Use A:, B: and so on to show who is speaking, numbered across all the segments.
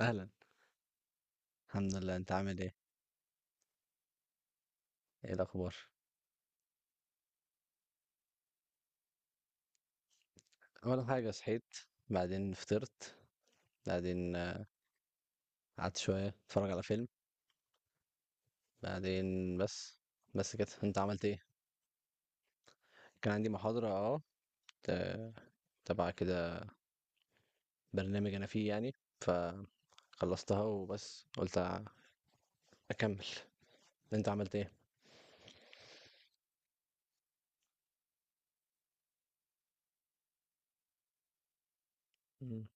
A: أهلا. الحمد لله، أنت عامل إيه؟ إيه الأخبار؟ أول حاجة صحيت، بعدين فطرت، بعدين قعدت شوية أتفرج على فيلم. بعدين، بس بس كده، أنت عملت إيه؟ كان عندي محاضرة ت- تبع كده، برنامج أنا فيه يعني، فخلصتها. وبس قلت أكمل. أنت عملت إيه؟ مم.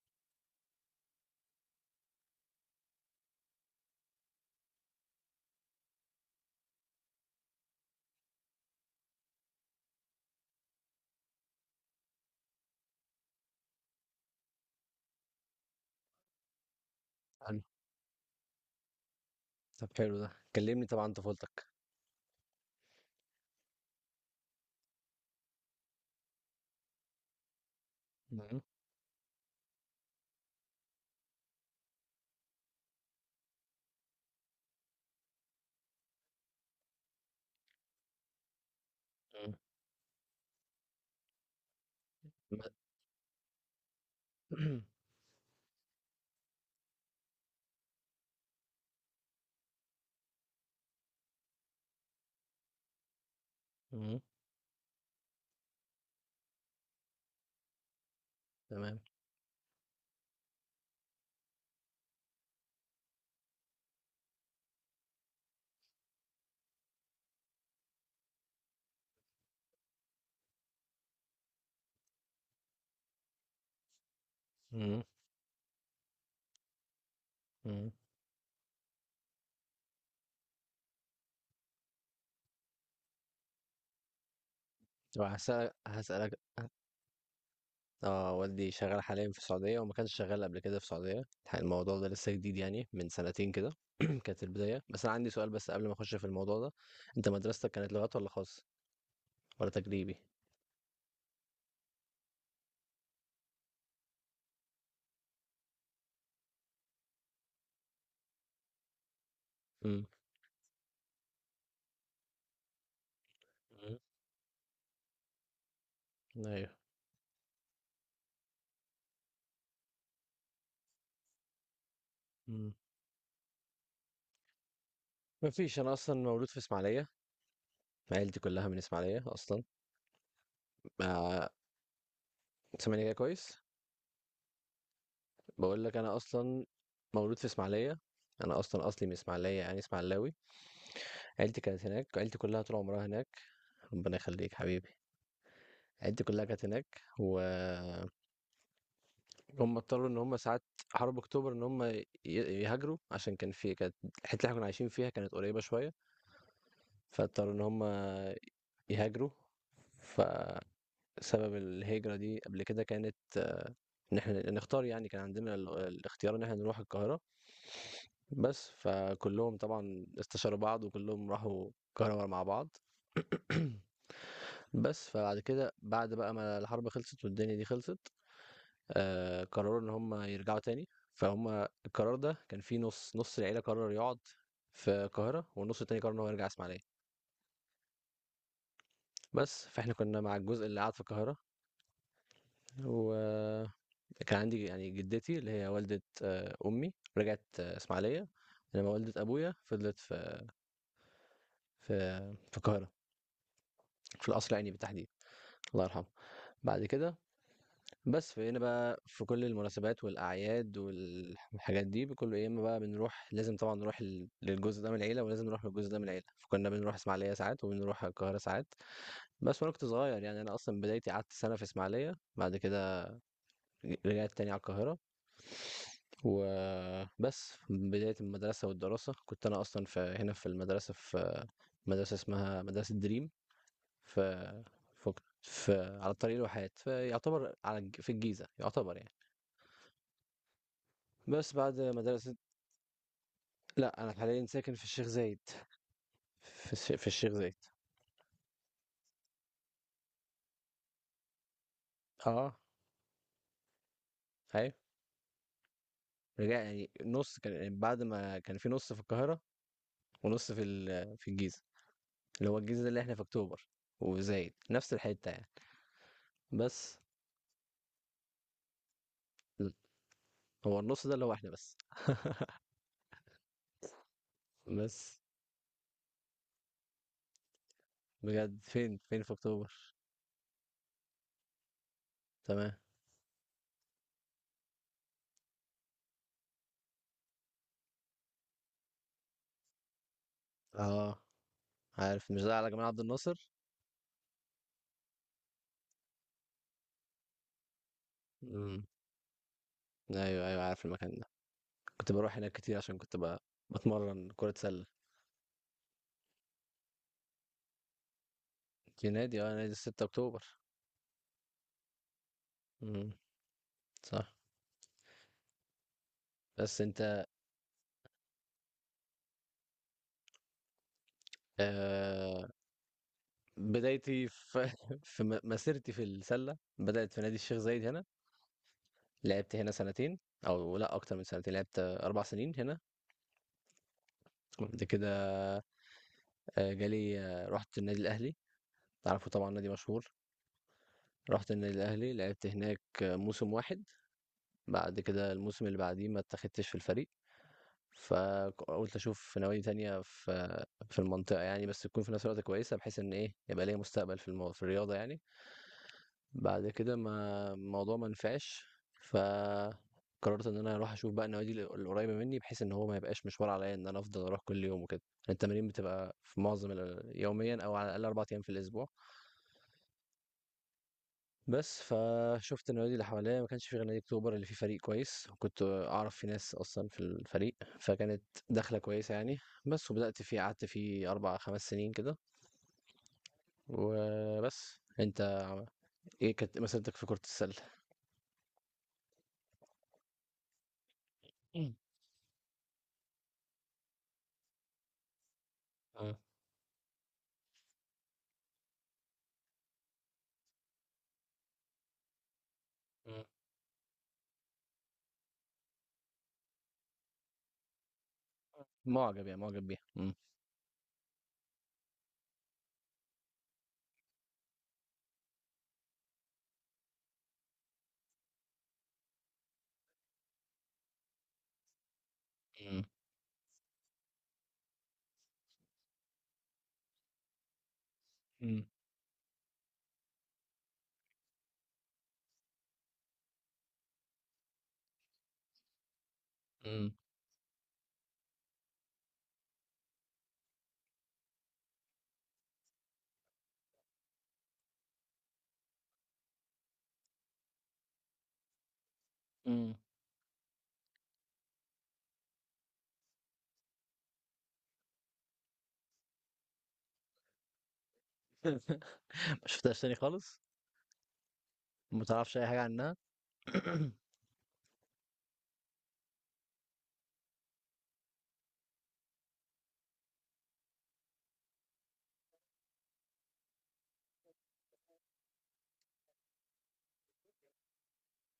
A: حلو. طب حلو ده، كلمني طبعا عن طفولتك. مم. مم. ب- مم. تمام. مم. مم. طب هسألك، والدي شغال حاليًا في السعودية، وما كانش شغال قبل كده في السعودية. الموضوع ده لسه جديد يعني، من سنتين كده. كانت البداية، بس أنا عندي سؤال بس قبل ما أخش في الموضوع ده: أنت مدرستك كانت لغات والّا خاص والّا تجريبي؟ إمم. إمم. أيوه. إمم. ما فيش، أنا أصلًا مولود في إسماعيلية، عيلتي كلها من إسماعيلية أصلًا. آآ، سامعني كده كويس؟ باقول لك أنا أصلًا مولود في إسماعيلية، أنا أصلًا أصلي من إسماعيلية يعني إسماعيلاوي. عيلتي كانت هناك، عيلتي كلها طول عمرها هناك. ربنا يخليك حبيبي. عيلتي كلها كانت هناك، وهم اضطروا ان هم ساعات حرب اكتوبر ان هم يهاجروا، عشان كان في، كانت الحته اللي احنا كنا عايشين فيها كانت قريبه شويه، فاضطروا ان هم يهاجروا. فسبب الهجره دي قبل كده كانت ان احنا نختار، يعني كان عندنا الاختيار ان احنا نروح القاهره. بس فكلهم طبعا استشاروا بعض، وكلهم راحوا القاهره مع بعض. بس فبعد كده، بعد بقى ما الحرب خلصت والدنيا دي خلصت، قرروا ان هم يرجعوا تاني. فهم القرار ده كان فيه، نص العيله قرر يقعد في القاهره، والنص التاني قرر ان هو يرجع اسماعيليه. بس فاحنا كنا مع الجزء اللي قعد في القاهره، وكان عندي يعني جدتي اللي هي والده امي رجعت اسماعيليه، انما والده ابويا فضلت في في في القاهره، في القصر العيني بالتحديد، الله يرحمه. بعد كده، بس فهنا بقى في كل المناسبات والأعياد والحاجات دي كله يا إما بقى بنروح، لازم طبعًا نروح للجزء ده من العيلة، ولازم نروح للجزء ده من العيلة. فكنا بنروح إسماعيلية ساعات وبنروح القاهرة ساعات. بس وأنا كنت صغير يعني، أنا أصلًا بدايتي قعدت سنة في إسماعيلية، بعد كده رجعت تاني على القاهرة. وبس بداية المدرسة والدراسة كنت أنا أصلًا في هنا في المدرسة، في مدرسة اسمها مدرسة دريم، في في على الطريق الواحات، فيعتبر على الج في الجيزة يعتبر يعني. بس بعد مدرسة، لا أنا حاليا ساكن في الشيخ زايد، في الشيخ زايد. اه. أيوة، رجع يعني نص، كان يعني بعد ما كان في نص في القاهرة ونص في في الجيزة، اللي هو الجيزة ده اللي احنا في أكتوبر وزايد، نفس الحتة يعني. بس م. هو النص ده اللي هو احنا بس. بس بجد، فين في أكتوبر؟ تمام. اه عارف، مش ده على جمال عبد الناصر؟ امم، ايوه ايوه، عارف المكان ده. كنت بروح هناك كتير عشان كنت بتمرن كرة سلة في نادي 6 أكتوبر. إمم، صح. بس أنت؟ آآ، بدايتي في في مسيرتي في السلة بدأت في نادي الشيخ زايد هنا. لعبت هنا سنتين، أو لأ أكتر من سنتين، لعبت 4 سنين هنا. وبعد كده جالي آه، رُحت النادي الأهلي، عارفه طبعًا نادي مشهور. رُحت النادي الأهلي، لعبت هناك موسم واحد. بعد كده الموسم اللي بعديه ما اتاخدتش في الفريق، فقُلت أشوف نوادي تانية في المنطقة يعني، بس تكون في نفس الوقت كويسة، بحيث إن إيه، يبقى ليّا مستقبل في في الرياضة يعني. بعد كده ما الموضوع ما نفعش، فقررت ان انا اروح اشوف بقى النوادي القريبه مني، بحيث ان هو ما يبقاش مشوار عليا ان انا افضل اروح كل يوم وكده. التمارين بتبقى في معظم يوميا، او على الاقل اربع ايام في الاسبوع. بس فشفت النوادي اللي حواليا، ما كانش في غير نادي اكتوبر اللي فيه فريق كويس، وكنت اعرف في ناس اصلا في الفريق، فكانت دخله كويسه يعني. بس وبدات فيه، قعدت فيه اربع خمس سنين كده. وبس انت، ايه كانت مسيرتك في كره السله؟ مم. اه. مُعجب يعني، مُعجب بيها. إمم. إمم. إمم. إمم. إمم. ما شُفتهاش تاني خالص؟ ما تعرفش أي حاجة عنها؟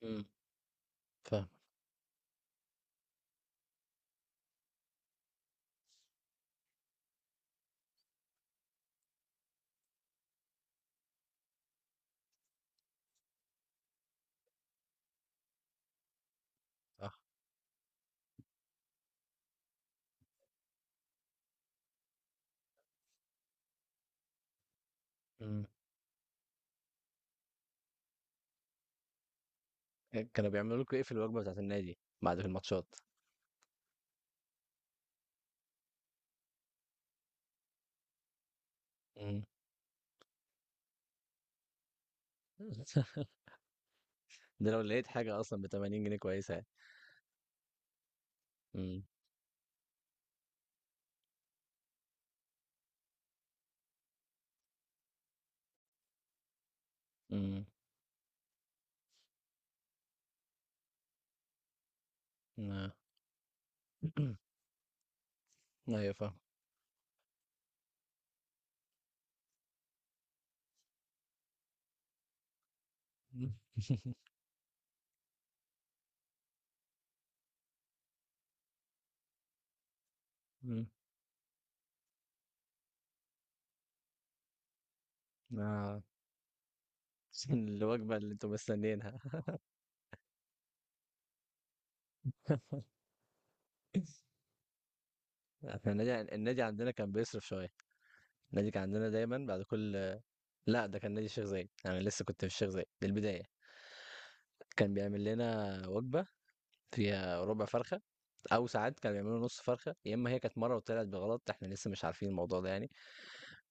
A: إمم. فاهمك. صح. إمم. كانوا بيعملوا لكم إيه في الوجبة بتاعة النادي بعد الماتشات؟ إمم. ده لو لقيت حاجة أصلًا ب80 جنيه كويسة يعني. إمم. إمم. آه، أيوه فاهمك. إمم. إمم. آه، الوجبة اللي أنتم مستنيينها. إحنا النادي، عندنا كان بيصرف شوية. النادي كان عندنا دايمًا بعد كل، لا ده كان نادي الشيخ زايد، انا لسه كنت في الشيخ زايد، دي البدايه. كان بيعمل لنا وجبه فيها ربع فرخه، او ساعات كانوا بيعملوا نص فرخه، يا اما هي كانت مره وطلعت بغلط، احنا لسه مش عارفين الموضوع ده يعني.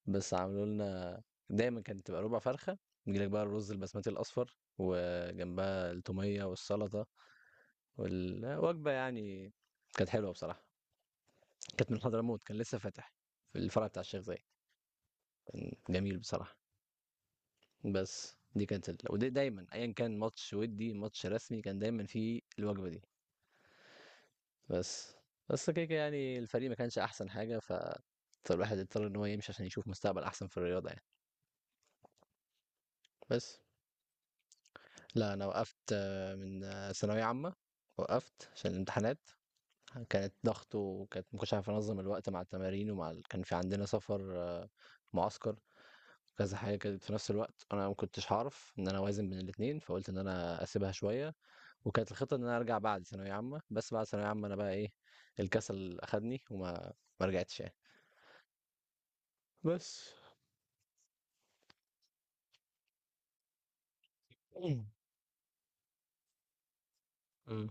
A: بس عملوا لنا، دايما كانت تبقى ربع فرخه. يجيلك بقى الرز البسمتي الاصفر، وجنبها التوميه والسلطه، والوجبه يعني كانت حلوه بصراحه. كانت من حضرموت، كان لسه فاتح في الفرع بتاع الشيخ زايد. كان جميل بصراحه. بس دي كانت ودي دايما ايا كان ماتش، ودي ماتش رسمي كان دايما فيه الوجبه دي. بس، كده كده يعني. الفريق ما كانش احسن حاجه، فالواحد اضطر ان هو يمشي عشان يشوف مستقبل احسن في الرياضه يعني. بس لا، انا وقفت من ثانويه عامه. وقفت عشان الامتحانات كانت ضغط، وكانت ما كنتش عارف انظم الوقت مع التمارين ومع كان في عندنا سفر، معسكر، كذا حاجه كانت في نفس الوقت، انا ما كنتش هعرف ان انا اوازن بين الاثنين، فقلت ان انا اسيبها شويه. وكانت الخطة ان انا ارجع بعد ثانوية عامة، بس بعد ثانوية عامة انا بقى ايه، الكسل اخدني، ما رجعتش يعني. بس. امم.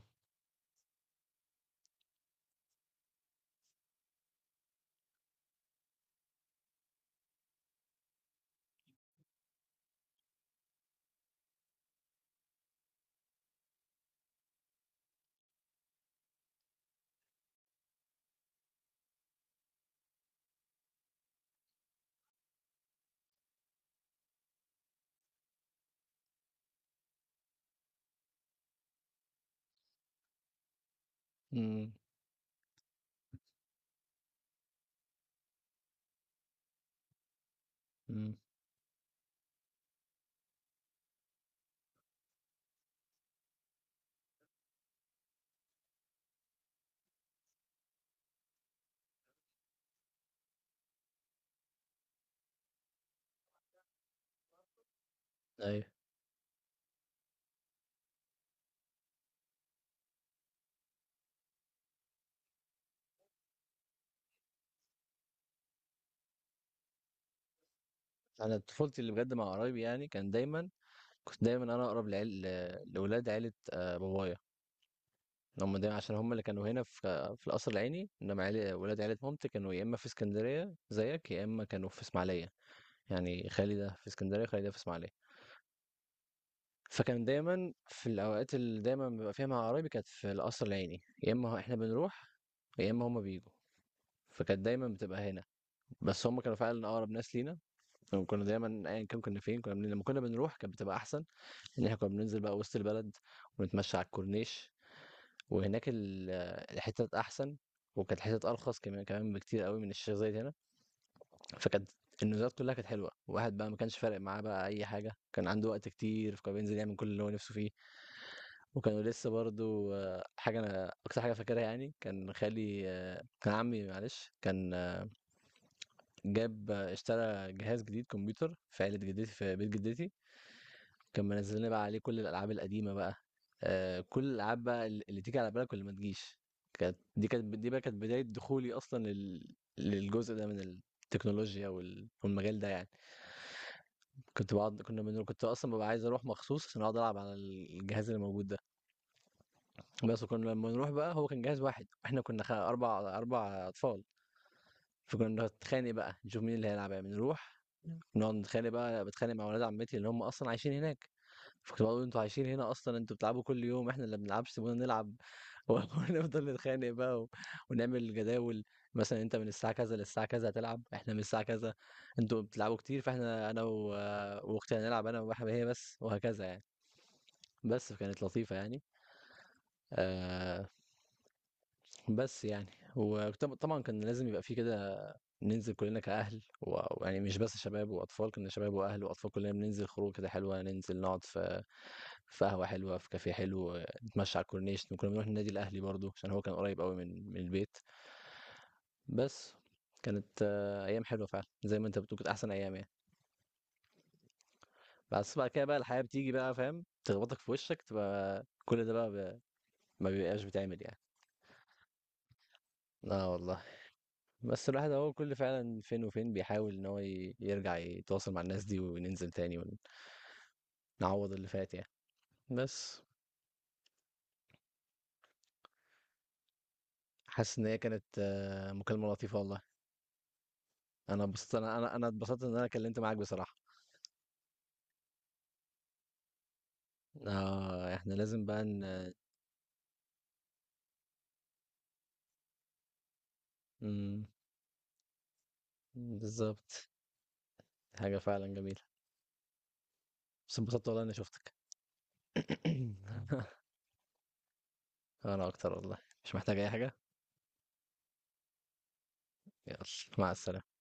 A: امم. امم. ايوه. انا طفولتي اللي بجد مع قرايبي يعني. كان دايما، كنت دايما انا اقرب لاولاد عيلة بابايا. هم دايما عشان هم اللي كانوا هنا في القصر العيني، انما ولاد عيلة مامتي كانوا يا اما في اسكندرية زيك، يا اما كانوا في اسماعيلية، يعني خالي ده في اسكندرية، خالي ده في اسماعيلية. فكان دايمًا في الأوقات اللي دايمًا بابقى فيها مع قرايبي كانت في القصر العيني، يا إما إحنا بنروح يا إما هُم بييجوا. فكانت دايمًا بتبقى هنا، بس هُم كانوا فعلًا أقرب ناس لينا. وكنا دايمًا أيًا كان كنا فين، كنا بن لمّا كنا بنروح كانت بتبقى أحسن، إن إحنا كنا بننزل بقى وسط البلد ونتمشى على الكورنيش، وهناك الحتت أحسن، وكانت الحتت أرخص كمان بكتير أوي من الشيخ زايد هنا. فكانت النزولات كلها كانت حلوة، الواحد بقى ما كانش فارق معاه بقى أي حاجة، كان عنده وقت كتير فكان بينزل يعمل كل اللي هو نفسه فيه. وكانوا لسه برضه، حاجة أنا أكتر حاجة فاكرها يعني، كان خالي آه، كان عمي معلش، كان آه، جاب آه، اشترى جهاز جديد كمبيوتر في عيلة جدتي في بيت جدتي، كان منزل لنا بقى عليه كل الألعاب القديمة بقى، كل الألعاب بقى اللي تيجي على بالك واللي ما تجيش. كانت دي بقى كانت بداية دخولي أصلا للجزء ده من التكنولوجيا والمجال ده يعني. كنت باقعد كنا بنرو كنت أصلًا بابقى عايز أروح مخصوص عشان أقعد ألعب على الجهاز اللي موجود ده. بس وكنا لمّا نروح بقى هو كان جهاز واحد، وإحنا كنا 4 أطفال، فكنا نتخانق بقى نشوف مين اللي هيلعب يعني، نروح نقعد نتخانق بقى، باتخانق مع ولاد عمتي اللي هم أصلًا عايشين هناك. فكنت باقول أنتم عايشين هنا أصلًا، أنتم بتلعبوا كل يوم، إحنا اللي ما بنلعبش سيبونا نلعب. ونفضل نتخانق بقى ونعمل جداول، مثلًا أنت من الساعة كذا للساعة كذا هتلعب، إحنا من الساعة كذا. أنتم بتلعبوا كتير، فإحنا أنا وأختي هنلعب، أنا هي بس، وهكذا يعني. بس فكانت لطيفة يعني. آآ، بس يعني، طبعًا كان لازم يبقى في كده ننزل كلنا كأهل ويعني مش بس شباب وأطفال، كنا شباب وأهل وأطفال كلنا بننزل خروج كده حلوة، ننزل نقعد في قهوة حلوة، في كافيه حلو، نتمشى على الكورنيش. كنا بنروح النادي الأهلي برضو عشان هو كان قريب قوي من البيت. بس كانت أيام حلوة فعلا، زي ما أنت بتقول، كانت أحسن أيام يعني. بس بعد كده بقى الحياة بتيجي بقى فاهم تخبطك في وشك، تبقى كل ده بقى ما بيبقاش بتعمل يعني. اه والله. بس الواحد هو كل، فعلا فين وفين، بيحاول ان هو يرجع يتواصل مع الناس دي وننزل تاني ونعوض اللي فات يعني. بس. حاسس ان هي كانت مكالمة لطيفة والله. انا اتبسطت ان انا كلمت معاك بصراحة. اه احنا لازم بقى مم، بالظبط. حاجة فعلا جميلة. بس اتبسطت والله اني شفتك. انا اكتر والله، مش محتاج اي حاجة. يلا، مع السلامة.